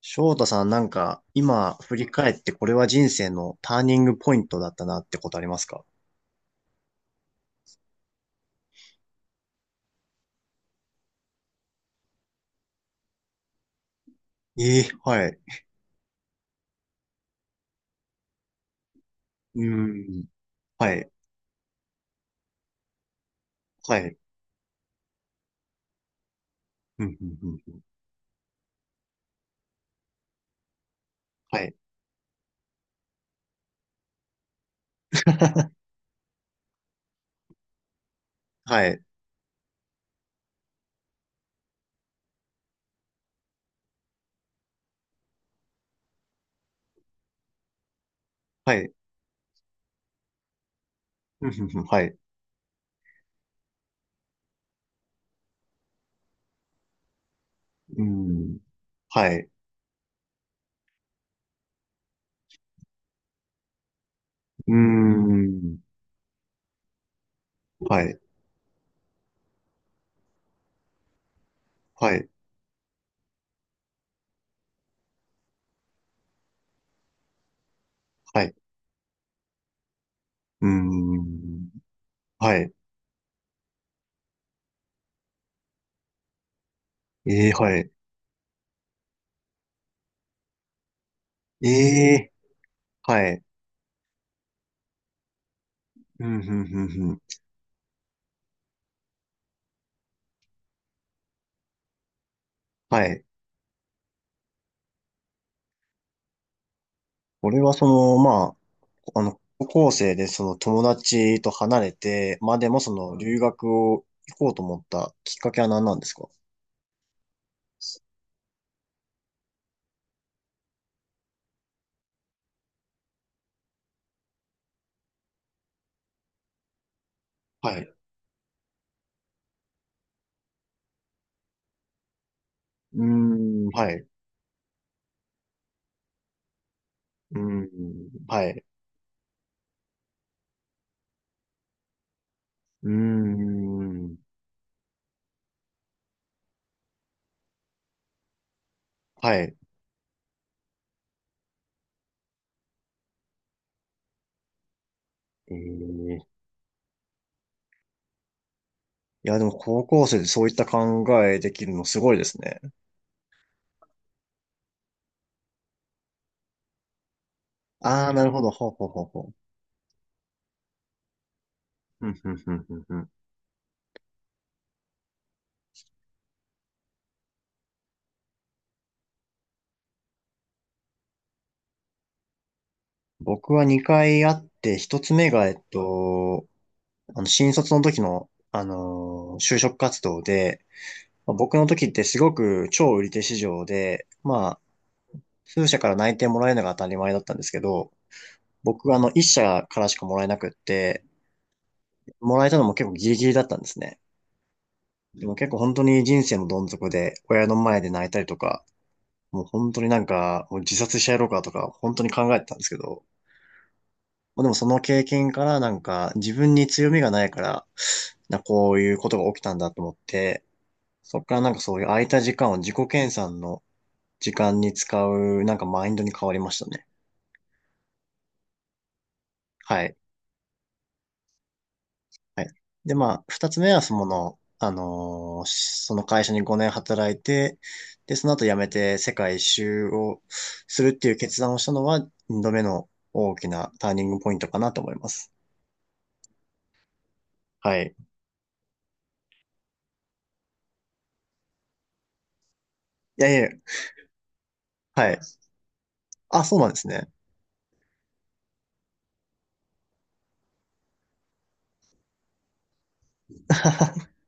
翔太さん、なんか、今振り返ってこれは人生のターニングポイントだったなってことありますか？ええはい。うん。はい。はい。うん、うん、うんうん。はい。はい。はい。うん、うん、うんはい。うん。はい。うん。はい。はい。はい。うん。はい。ええはい。ええはい。うん、うん、うん、うん。はい。俺はまあ、高校生でその友達と離れて、まあでもその留学を行こうと思ったきっかけは何なんですか？はい。うーん、はい。うーん、はい。うーん、はい。いや、でも高校生でそういった考えできるのすごいですね。ああ、なるほど。ほうほうほうほう。ふんふんふんふんふん。僕は2回あって、1つ目が、新卒の時の、就職活動で、まあ僕の時ってすごく超売り手市場で、まあ、数社から内定もらえるのが当たり前だったんですけど、僕は一社からしかもらえなくって、もらえたのも結構ギリギリだったんですね。でも結構本当に人生のどん底で、親の前で泣いたりとか、もう本当になんか、もう自殺してやろうかとか、本当に考えてたんですけど、まあでもその経験からなんか、自分に強みがないから、こういうことが起きたんだと思って、そこからなんかそういう空いた時間を自己研鑽の時間に使う、なんかマインドに変わりましたね。はい。はい。で、まあ、二つ目はその、あのーしその会社に5年働いて、で、その後辞めて世界一周をするっていう決断をしたのは、二度目の大きなターニングポイントかなと思います。はい。いやいや、はい。あ、そうなんですね。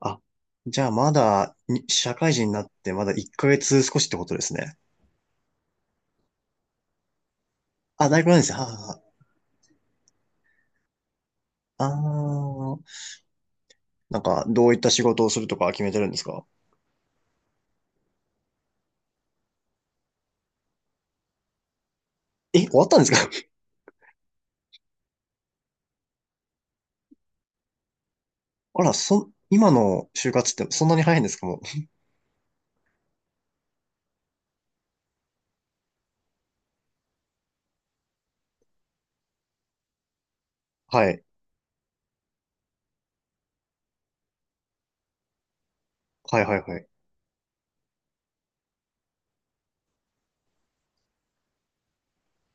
あ、じゃあまだに、社会人になってまだ1ヶ月少しってことですね。あ、大学なんですね。はあ、はあ、あー、なんか、どういった仕事をするとか決めてるんですか？え、終わったんですか？ あら、今の就活ってそんなに早いんですかもう。はい。はいはいはい。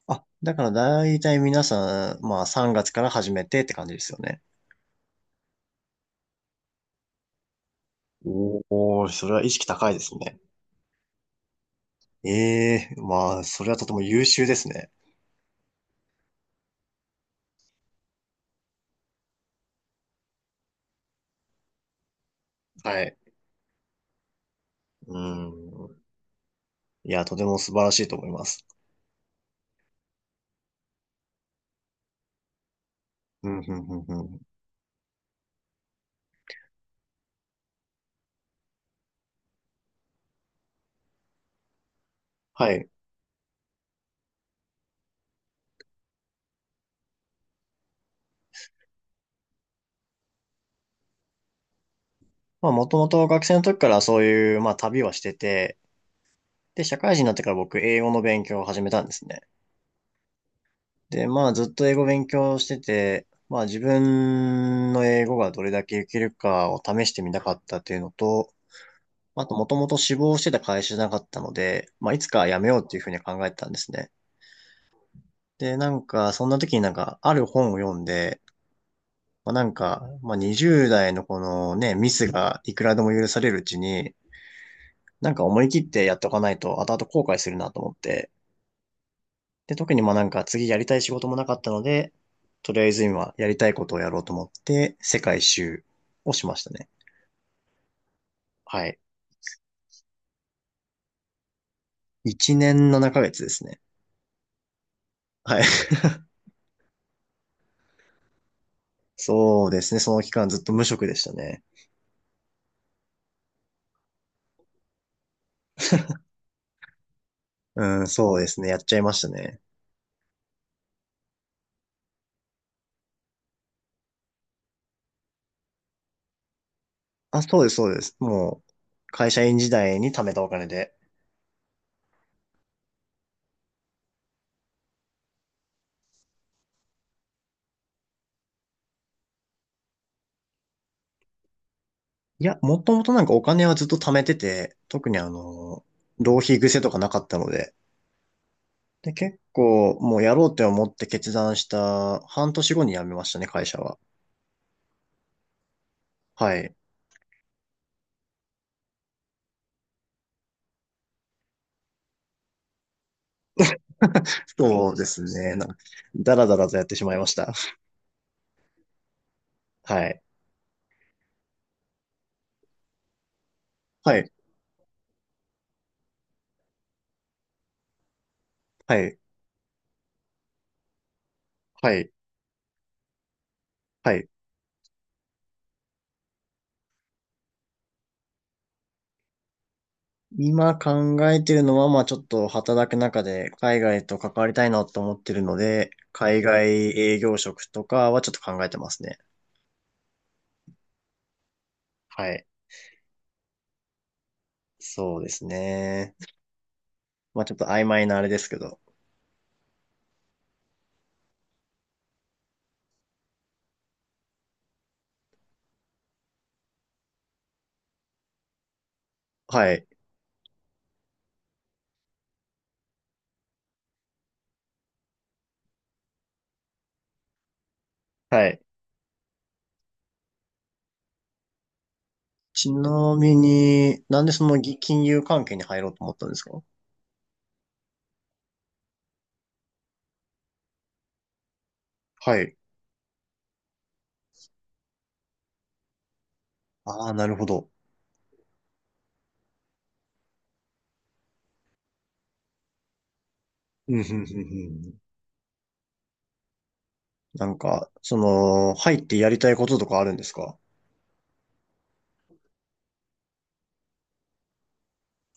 あ、だから大体皆さん、まあ3月から始めてって感じですよね。おー、それは意識高いですね。ええ、まあ、それはとても優秀ですね。はい。うん。いや、とても素晴らしいと思います。うん、うん、うん、うん。はい。まあ、もともと学生の時からそういう、まあ、旅はしてて、で、社会人になってから僕、英語の勉強を始めたんですね。で、まあずっと英語勉強してて、まあ自分の英語がどれだけいけるかを試してみたかったっていうのと、もともと志望してた会社じゃなかったので、まあいつか辞めようっていうふうに考えてたんですね。で、なんかそんな時になんかある本を読んで、まあなんか、まあ20代のこのね、ミスがいくらでも許されるうちに、なんか思い切ってやっておかないと後々後悔するなと思って、で、特にまあなんか次やりたい仕事もなかったので、とりあえず今やりたいことをやろうと思って、世界一周をしましたね。はい。1年7ヶ月ですね。はい。そうですね。その期間ずっと無職でしたね。うん、そうですね。やっちゃいましたね。あ、そうです、そうです。もう、会社員時代に貯めたお金で。いや、もともとなんかお金はずっと貯めてて、特に浪費癖とかなかったので、で、結構、もうやろうって思って決断した半年後に辞めましたね、会社は。はい。そうですね。ね。なんか、だらだらとやってしまいました。はい。はい。はい。はい。はい。今考えてるのは、まあちょっと働く中で海外と関わりたいなと思ってるので、海外営業職とかはちょっと考えてますね。はい。そうですね。まあちょっと曖昧なあれですけど。はい。はい。ちなみに、なんでそのぎ金融関係に入ろうと思ったんですか？はい。ああ、なるほど。うん、うん、うん、うん。なんか、入ってやりたいこととかあるんですか？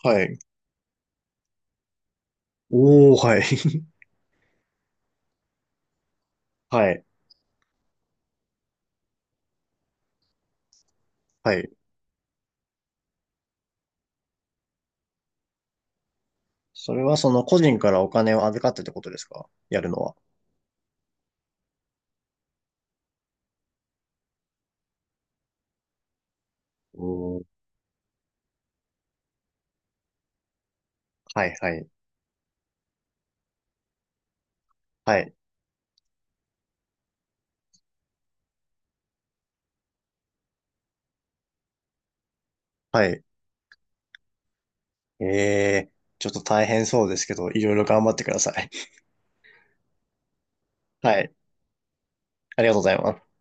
はい。おー、はい。はい。はい。それはその個人からお金を預かってってことですか、やるのは？おー、はい、はい。はい。はい。ええー、ちょっと大変そうですけど、いろいろ頑張ってください。はい。ありがとうございます。